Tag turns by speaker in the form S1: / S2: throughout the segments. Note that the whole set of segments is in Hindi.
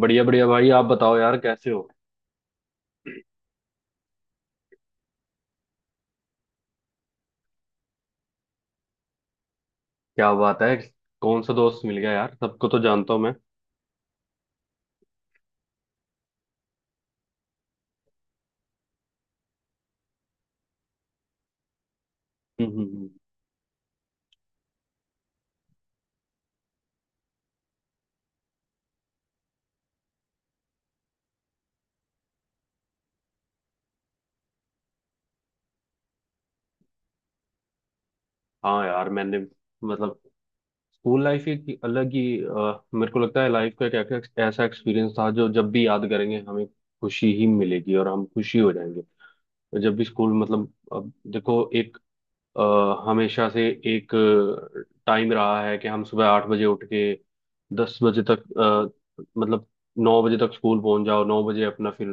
S1: बढ़िया बढ़िया भाई, आप बताओ यार कैसे हो। क्या बात है? कौन सा दोस्त मिल गया यार, सबको तो जानता हूँ मैं। हम्म हम्म, हम्म। हाँ यार, मैंने मतलब स्कूल लाइफ एक अलग ही मेरे को लगता है लाइफ का एक एक- ऐसा एक्सपीरियंस था जो जब भी याद करेंगे, हमें खुशी ही मिलेगी और हम खुशी हो जाएंगे। और जब भी स्कूल, मतलब, अब देखो, अ, हमेशा से एक टाइम रहा है कि हम सुबह 8 बजे उठ के 10 बजे तक मतलब 9 बजे तक स्कूल पहुंच जाओ, 9 बजे अपना, फिर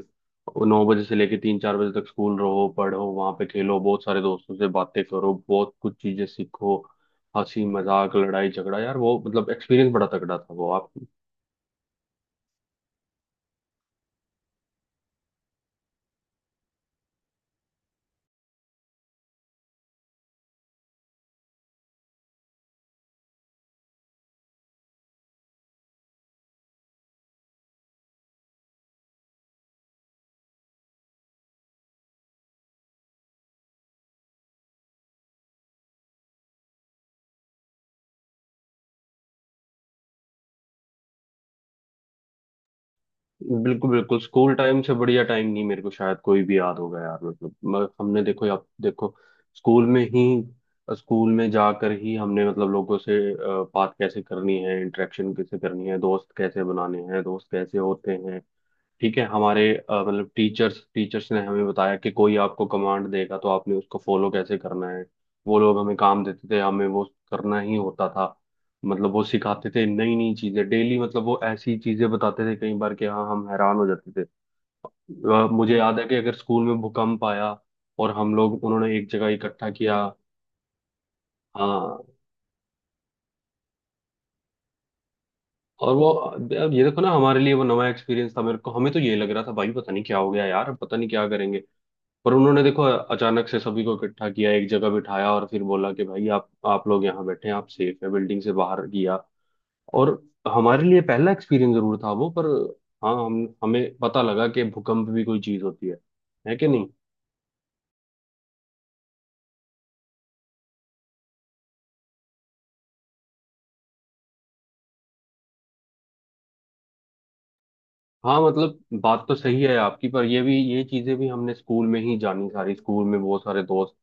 S1: 9 बजे से लेके 3 4 बजे तक स्कूल रहो, पढ़ो, वहां पे खेलो, बहुत सारे दोस्तों से बातें करो, बहुत कुछ चीजें सीखो, हंसी मजाक, लड़ाई झगड़ा यार। वो मतलब एक्सपीरियंस बड़ा तगड़ा था वो आप। बिल्कुल बिल्कुल, स्कूल टाइम से बढ़िया टाइम नहीं, मेरे को शायद कोई भी याद होगा यार। मतलब हमने, देखो आप, देखो स्कूल में ही, स्कूल में जाकर ही हमने मतलब लोगों से बात कैसे करनी है, इंटरेक्शन कैसे करनी है, दोस्त कैसे बनाने हैं, दोस्त कैसे होते हैं, ठीक है। हमारे मतलब टीचर्स टीचर्स ने हमें बताया कि कोई आपको कमांड देगा तो आपने उसको फॉलो कैसे करना है। वो लोग हमें काम देते थे, हमें वो करना ही होता था। मतलब वो सिखाते थे नई नई चीजें डेली। मतलब वो ऐसी चीजें बताते थे कई बार कि हाँ, हम हैरान हो जाते थे। मुझे याद है कि अगर स्कूल में भूकंप आया और हम लोग, उन्होंने एक जगह इकट्ठा किया। हाँ। और वो, अब ये देखो ना, हमारे लिए वो नया एक्सपीरियंस था, मेरे को हमें तो ये लग रहा था भाई पता नहीं क्या हो गया यार, पता नहीं क्या करेंगे। पर उन्होंने देखो अचानक से सभी को इकट्ठा किया, एक जगह बिठाया और फिर बोला कि भाई आप लोग यहाँ बैठे हैं, आप सेफ है, बिल्डिंग से बाहर किया। और हमारे लिए पहला एक्सपीरियंस जरूर था वो, पर हाँ हम, हमें पता लगा कि भूकंप भी कोई चीज होती है कि नहीं? हाँ मतलब बात तो सही है आपकी, पर ये भी, ये चीजें भी हमने स्कूल में ही जानी सारी। स्कूल में बहुत सारे दोस्त,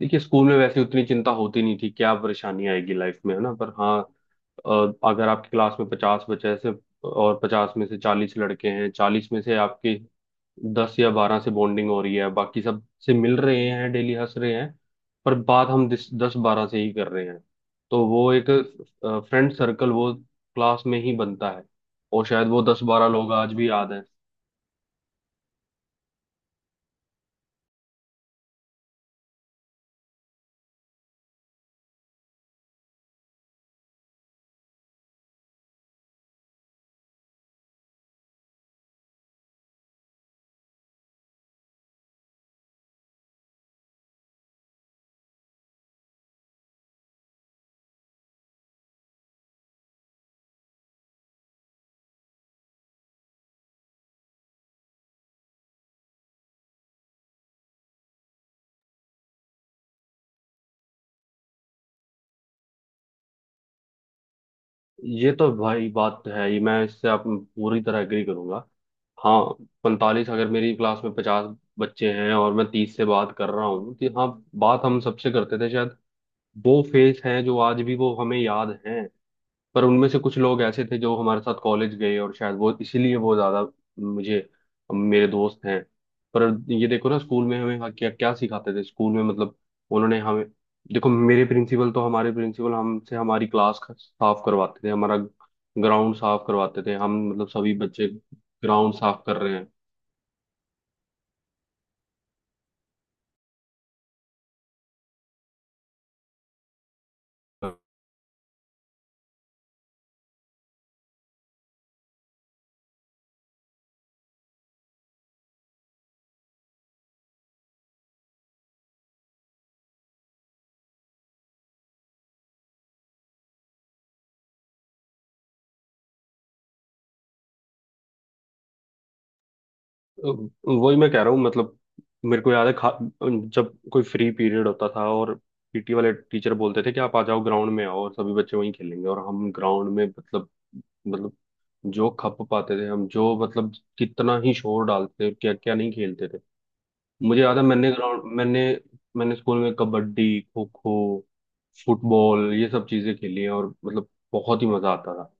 S1: देखिए स्कूल में वैसे उतनी चिंता होती नहीं थी, क्या परेशानी आएगी लाइफ में, है ना? पर हाँ, अगर आपकी क्लास में 50 बच्चे से, और 50 में से 40 लड़के हैं, 40 में से आपके 10 या 12 से बॉन्डिंग हो रही है, बाकी सब से मिल रहे हैं डेली, हंस रहे हैं, पर बात हम दस दस बारह से ही कर रहे हैं। तो वो एक फ्रेंड सर्कल वो क्लास में ही बनता है, और शायद वो 10 12 लोग आज भी याद हैं। ये तो भाई बात तो है, ये मैं, इससे आप पूरी तरह एग्री करूंगा। हाँ, 45, अगर मेरी क्लास में 50 बच्चे हैं और मैं 30 से बात कर रहा हूँ तो हाँ, बात हम सबसे करते थे शायद। वो फेस हैं जो आज भी वो हमें याद हैं। पर उनमें से कुछ लोग ऐसे थे जो हमारे साथ कॉलेज गए, और शायद वो इसीलिए वो ज्यादा मुझे मेरे दोस्त हैं। पर ये देखो ना स्कूल में हमें क्या क्या सिखाते थे, स्कूल में मतलब उन्होंने हमें देखो, मेरे प्रिंसिपल तो हमारे प्रिंसिपल हमसे हमारी क्लास साफ करवाते थे, हमारा ग्राउंड साफ करवाते थे, हम मतलब सभी बच्चे ग्राउंड साफ कर रहे हैं। वही मैं कह रहा हूँ, मतलब मेरे को याद है खा जब कोई फ्री पीरियड होता था और पीटी वाले टीचर बोलते थे कि आप आ जाओ ग्राउंड में, आओ, और सभी बच्चे वहीं खेलेंगे, और हम ग्राउंड में मतलब, मतलब जो खप पाते थे हम, जो मतलब कितना ही शोर डालते थे, क्या क्या नहीं खेलते थे। मुझे याद है मैंने ग्राउंड मैंने मैंने स्कूल में कबड्डी, खो खो, फुटबॉल, ये सब चीजें खेली हैं, और मतलब बहुत ही मजा आता था।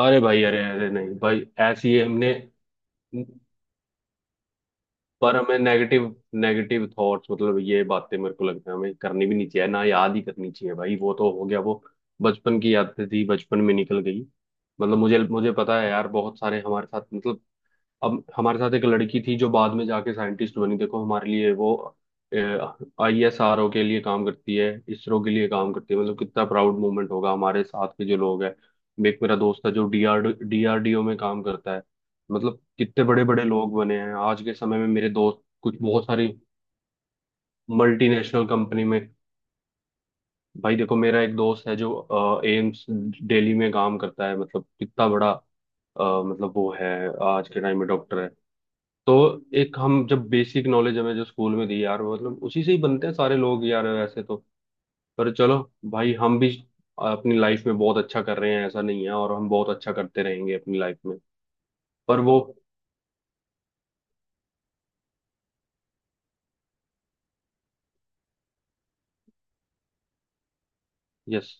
S1: अरे भाई अरे अरे, नहीं भाई ऐसी हमने, पर हमें नेगेटिव नेगेटिव थॉट्स, मतलब ये बातें मेरे को लगता है हमें करनी भी नहीं चाहिए ना, याद ही करनी चाहिए भाई। वो तो हो गया, वो बचपन की यादें थी, बचपन में निकल गई। मतलब मुझे मुझे पता है यार, बहुत सारे हमारे साथ मतलब, अब हमारे साथ एक लड़की थी जो बाद में जाके साइंटिस्ट बनी, देखो हमारे लिए वो आईएसआरओ के लिए काम करती है, इसरो के लिए काम करती है, मतलब कितना प्राउड मोमेंट होगा। हमारे साथ के जो लोग हैं, एक मेरा दोस्त है जो डीआरडीओ में काम करता है, मतलब कितने बड़े बड़े लोग बने हैं आज के समय में मेरे दोस्त, कुछ बहुत सारी मल्टीनेशनल कंपनी में। भाई देखो, मेरा एक दोस्त है जो एम्स दिल्ली में काम करता है, मतलब कितना बड़ा मतलब वो है आज के टाइम में, डॉक्टर है। तो एक हम जब बेसिक नॉलेज हमें जो स्कूल में दी यार, वो मतलब उसी से ही बनते हैं सारे लोग यार, वैसे तो। पर चलो भाई, हम भी अपनी लाइफ में बहुत अच्छा कर रहे हैं, ऐसा नहीं है, और हम बहुत अच्छा करते रहेंगे अपनी लाइफ में। पर वो, यस,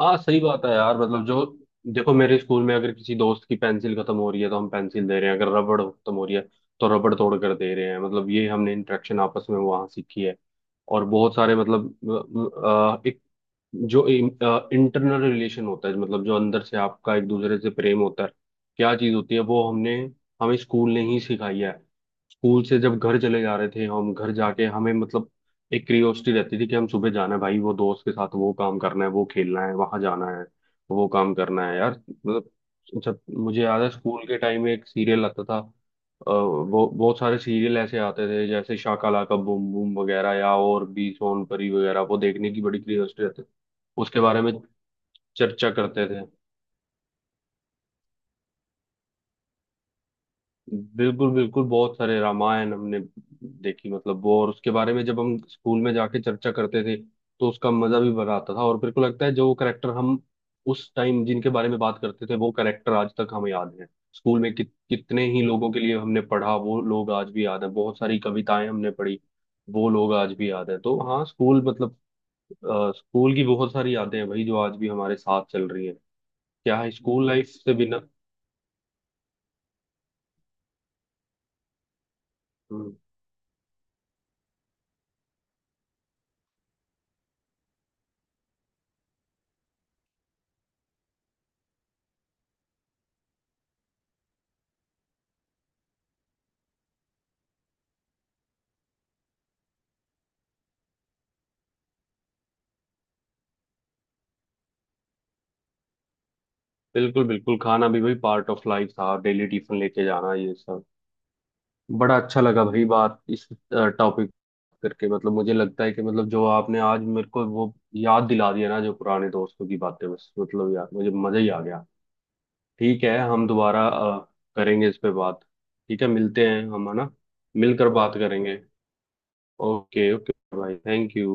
S1: हाँ सही बात है यार, मतलब जो, देखो मेरे स्कूल में अगर किसी दोस्त की पेंसिल खत्म हो रही है तो हम पेंसिल दे रहे हैं, अगर रबड़ खत्म हो रही है तो रबड़ तोड़ कर दे रहे हैं, मतलब ये हमने इंटरेक्शन आपस में वहाँ सीखी है। और बहुत सारे मतलब एक जो इंटरनल रिलेशन होता है, मतलब जो अंदर से आपका एक दूसरे से प्रेम होता है, क्या चीज़ होती है, वो हमने, हमें स्कूल ने ही सिखाई है। स्कूल से जब घर चले जा रहे थे हम, घर जाके हमें मतलब एक क्यूरियोसिटी रहती थी कि हम सुबह जाना है भाई, वो दोस्त के साथ वो काम करना है, वो खेलना है, वहां जाना है, वो काम करना है यार। मतलब जब, मुझे याद है स्कूल के टाइम में एक सीरियल आता था, वो बहुत सारे सीरियल ऐसे आते थे, जैसे शाकाला का बूम बूम वगैरह, या और भी सोन परी वगैरह, वो देखने की बड़ी क्यूरियोसिटी रहती थी, उसके बारे में चर्चा करते थे। बिल्कुल बिल्कुल, बहुत सारे रामायण हमने देखी, मतलब वो, और उसके बारे में जब हम स्कूल में जाके चर्चा करते थे तो उसका मजा भी बड़ा आता था। और मेरे को लगता है जो करेक्टर हम उस टाइम जिनके बारे में बात करते थे, वो करेक्टर आज तक हमें याद है, स्कूल में कि कितने ही लोगों के लिए हमने पढ़ा, वो लोग आज भी याद है, बहुत सारी कविताएं हमने पढ़ी, वो लोग आज भी याद है। तो हाँ स्कूल मतलब, स्कूल की बहुत सारी यादें हैं भाई जो आज भी हमारे साथ चल रही हैं। क्या है स्कूल लाइफ से बिना। हम्म। बिल्कुल बिल्कुल, खाना भी भाई पार्ट ऑफ लाइफ था, डेली टिफिन लेके जाना ये सब। बड़ा अच्छा लगा भाई बात इस टॉपिक करके, मतलब मुझे लगता है कि मतलब जो आपने आज मेरे को वो याद दिला दिया ना, जो पुराने दोस्तों की बातें, बस मतलब यार, मुझे मजा ही आ गया। ठीक है, हम दोबारा करेंगे इस पे बात। ठीक है, मिलते हैं हम, है ना? मिलकर बात करेंगे। ओके ओके भाई, थैंक यू।